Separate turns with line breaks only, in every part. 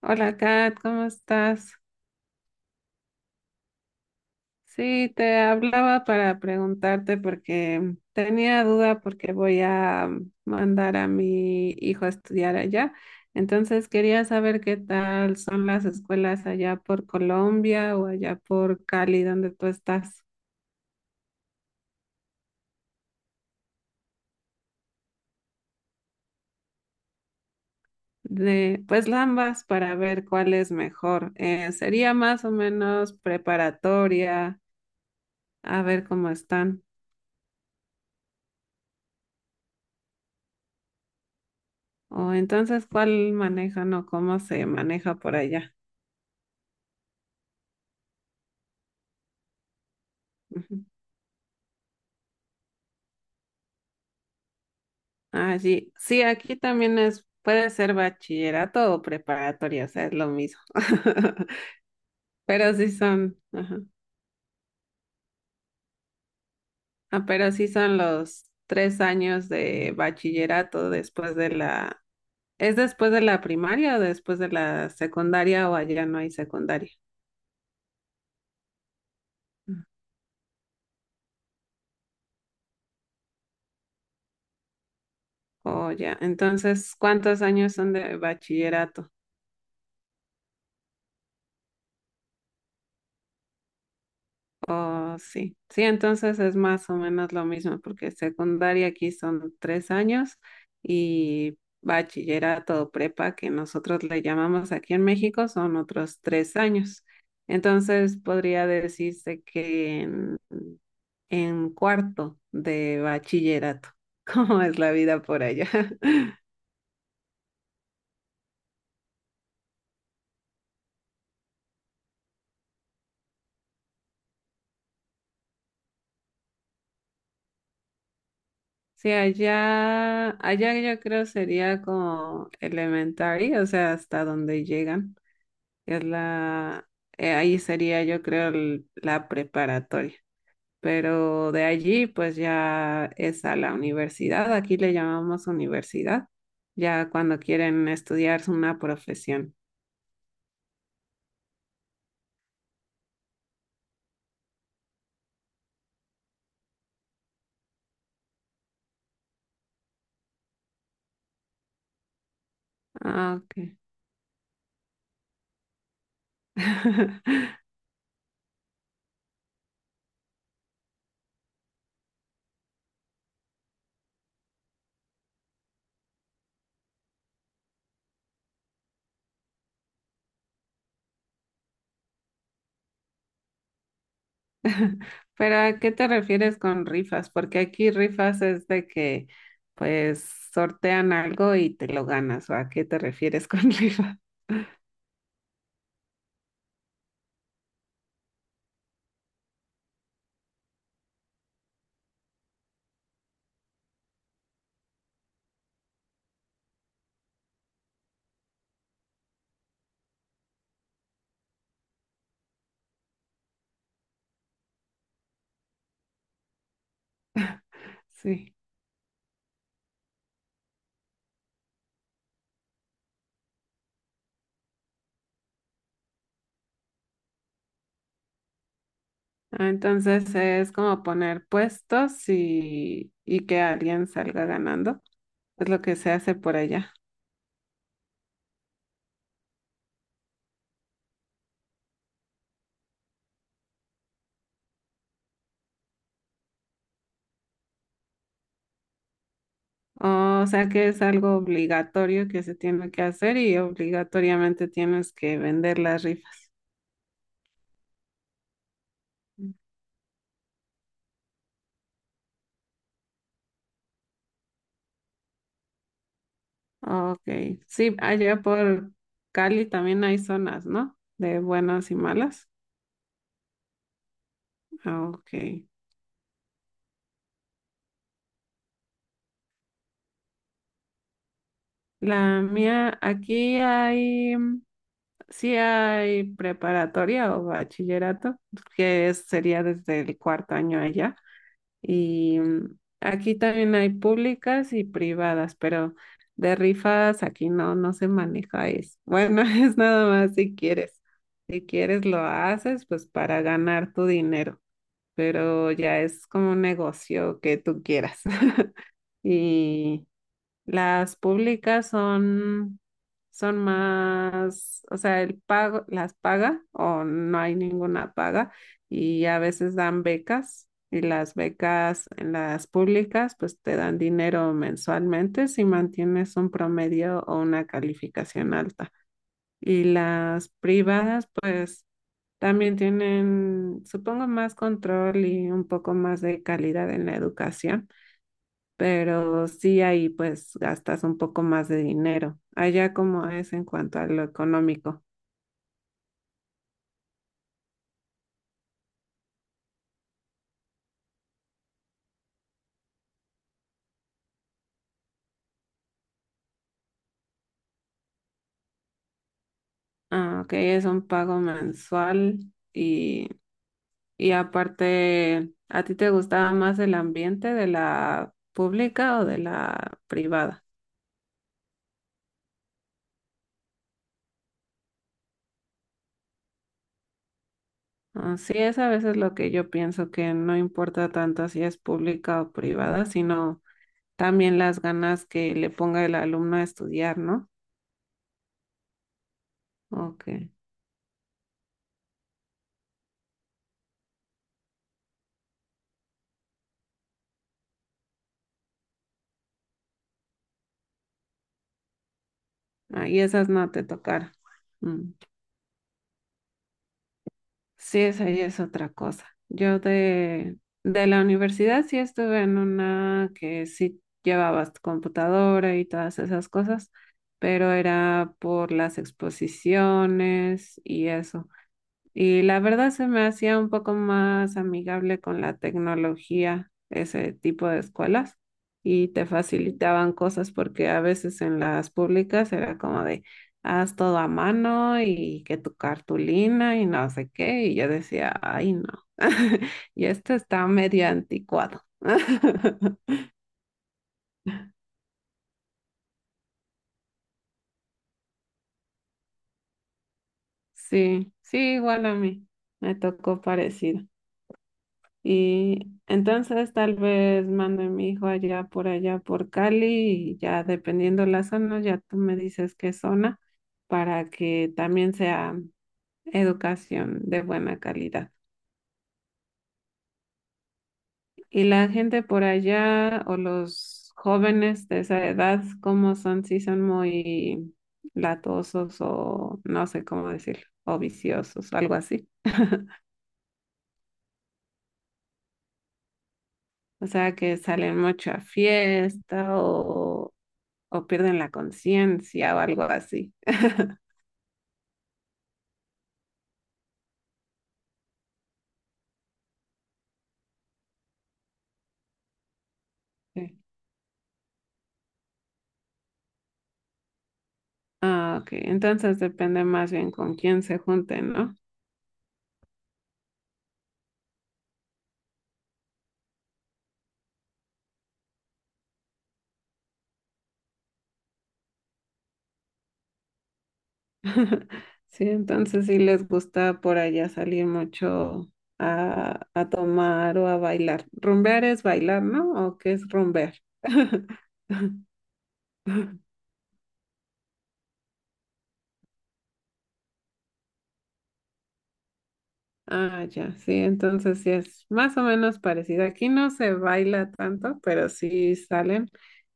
Hola Kat, ¿cómo estás? Sí, te hablaba para preguntarte porque tenía duda porque voy a mandar a mi hijo a estudiar allá. Entonces quería saber qué tal son las escuelas allá por Colombia o allá por Cali, donde tú estás. De, pues ambas para ver cuál es mejor. Sería más o menos preparatoria, a ver cómo están. O entonces, ¿cuál manejan o cómo se maneja por allá? Ujú. Ah, sí, sí, aquí también es, puede ser bachillerato o preparatoria, o sea, es lo mismo. Pero sí son, ajá. Ah, pero sí son los 3 años de bachillerato después de la, ¿es después de la primaria o después de la secundaria o allá no hay secundaria? Mm. O ya, entonces, ¿cuántos años son de bachillerato? Oh, sí. Sí, entonces es más o menos lo mismo, porque secundaria aquí son 3 años y bachillerato o prepa, que nosotros le llamamos aquí en México, son otros 3 años. Entonces podría decirse que en cuarto de bachillerato, ¿cómo es la vida por allá? Sí, allá yo creo sería como elementary, o sea, hasta donde llegan. Es la, ahí sería yo creo la preparatoria. Pero de allí pues ya es a la universidad, aquí le llamamos universidad, ya cuando quieren estudiar una profesión. Ah, ok. Pero ¿a qué te refieres con rifas? Porque aquí rifas es de que pues sortean algo y te lo ganas, ¿o a qué te refieres con rifa? Sí. Entonces es como poner puestos y que alguien salga ganando. Es lo que se hace por allá. O sea que es algo obligatorio que se tiene que hacer y obligatoriamente tienes que vender las rifas. Ok, sí, allá por Cali también hay zonas, ¿no? De buenas y malas. Ok. La mía, aquí hay, mm, sí hay preparatoria o bachillerato, sería desde el cuarto año allá. Y mm, aquí también hay públicas y privadas, pero de rifas aquí no, no se maneja eso. Bueno, es nada más si quieres. Si quieres lo haces, pues para ganar tu dinero, pero ya es como un negocio que tú quieras. Y las públicas son, son más, o sea, el pago, las paga o no hay ninguna paga y a veces dan becas y las becas en las públicas pues te dan dinero mensualmente si mantienes un promedio o una calificación alta. Y las privadas pues también tienen, supongo, más control y un poco más de calidad en la educación, pero sí ahí pues gastas un poco más de dinero. Allá como es en cuanto a lo económico. Ah, ok, es un pago mensual y, y aparte, ¿a ti te gustaba más el ambiente de la pública o de la privada? Ah, sí, es a veces lo que yo pienso, que no importa tanto si es pública o privada, sino también las ganas que le ponga el alumno a estudiar, ¿no? Ok, ahí esas no te tocaron. Mm. Sí, esa ya es otra cosa. Yo de la universidad sí estuve en una que sí llevabas tu computadora y todas esas cosas, pero era por las exposiciones y eso. Y la verdad se me hacía un poco más amigable con la tecnología, ese tipo de escuelas, y te facilitaban cosas porque a veces en las públicas era como de, haz todo a mano y que tu cartulina y no sé qué, y yo decía, ay no, y esto está medio anticuado. Sí, sí, igual a mí, me tocó parecido. Y entonces tal vez mando a mi hijo allá por allá por Cali y ya dependiendo la zona, ya tú me dices qué zona para que también sea educación de buena calidad. Y la gente por allá o los jóvenes de esa edad, ¿cómo son? Si son muy latosos o no sé cómo decirlo, o viciosos, algo así. O sea, que salen mucho a fiesta o pierden la conciencia o algo así. Sí. Ah, ok. Entonces depende más bien con quién se junten, ¿no? Sí, entonces sí les gusta por allá salir mucho a tomar o a bailar. Rumbear es bailar, ¿no? ¿O qué es rumbear? Ah, ya, sí, entonces sí es más o menos parecido. Aquí no se baila tanto, pero sí salen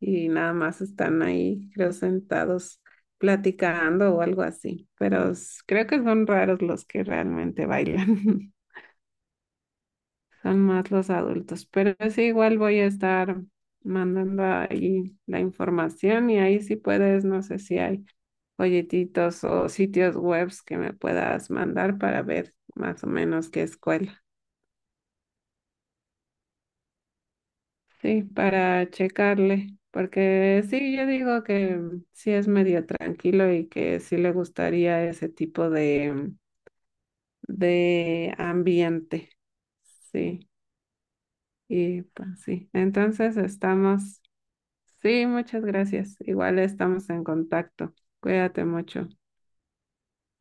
y nada más están ahí, creo, sentados platicando o algo así. Pero creo que son raros los que realmente bailan, son más los adultos. Pero sí, igual voy a estar mandando ahí la información y ahí sí puedes, no sé si hay folletitos o sitios webs que me puedas mandar para ver más o menos qué escuela. Sí, para checarle, porque sí, yo digo que sí es medio tranquilo y que sí le gustaría ese tipo de ambiente. Sí, y pues sí, entonces estamos, sí, muchas gracias. Igual estamos en contacto. Cuídate mucho.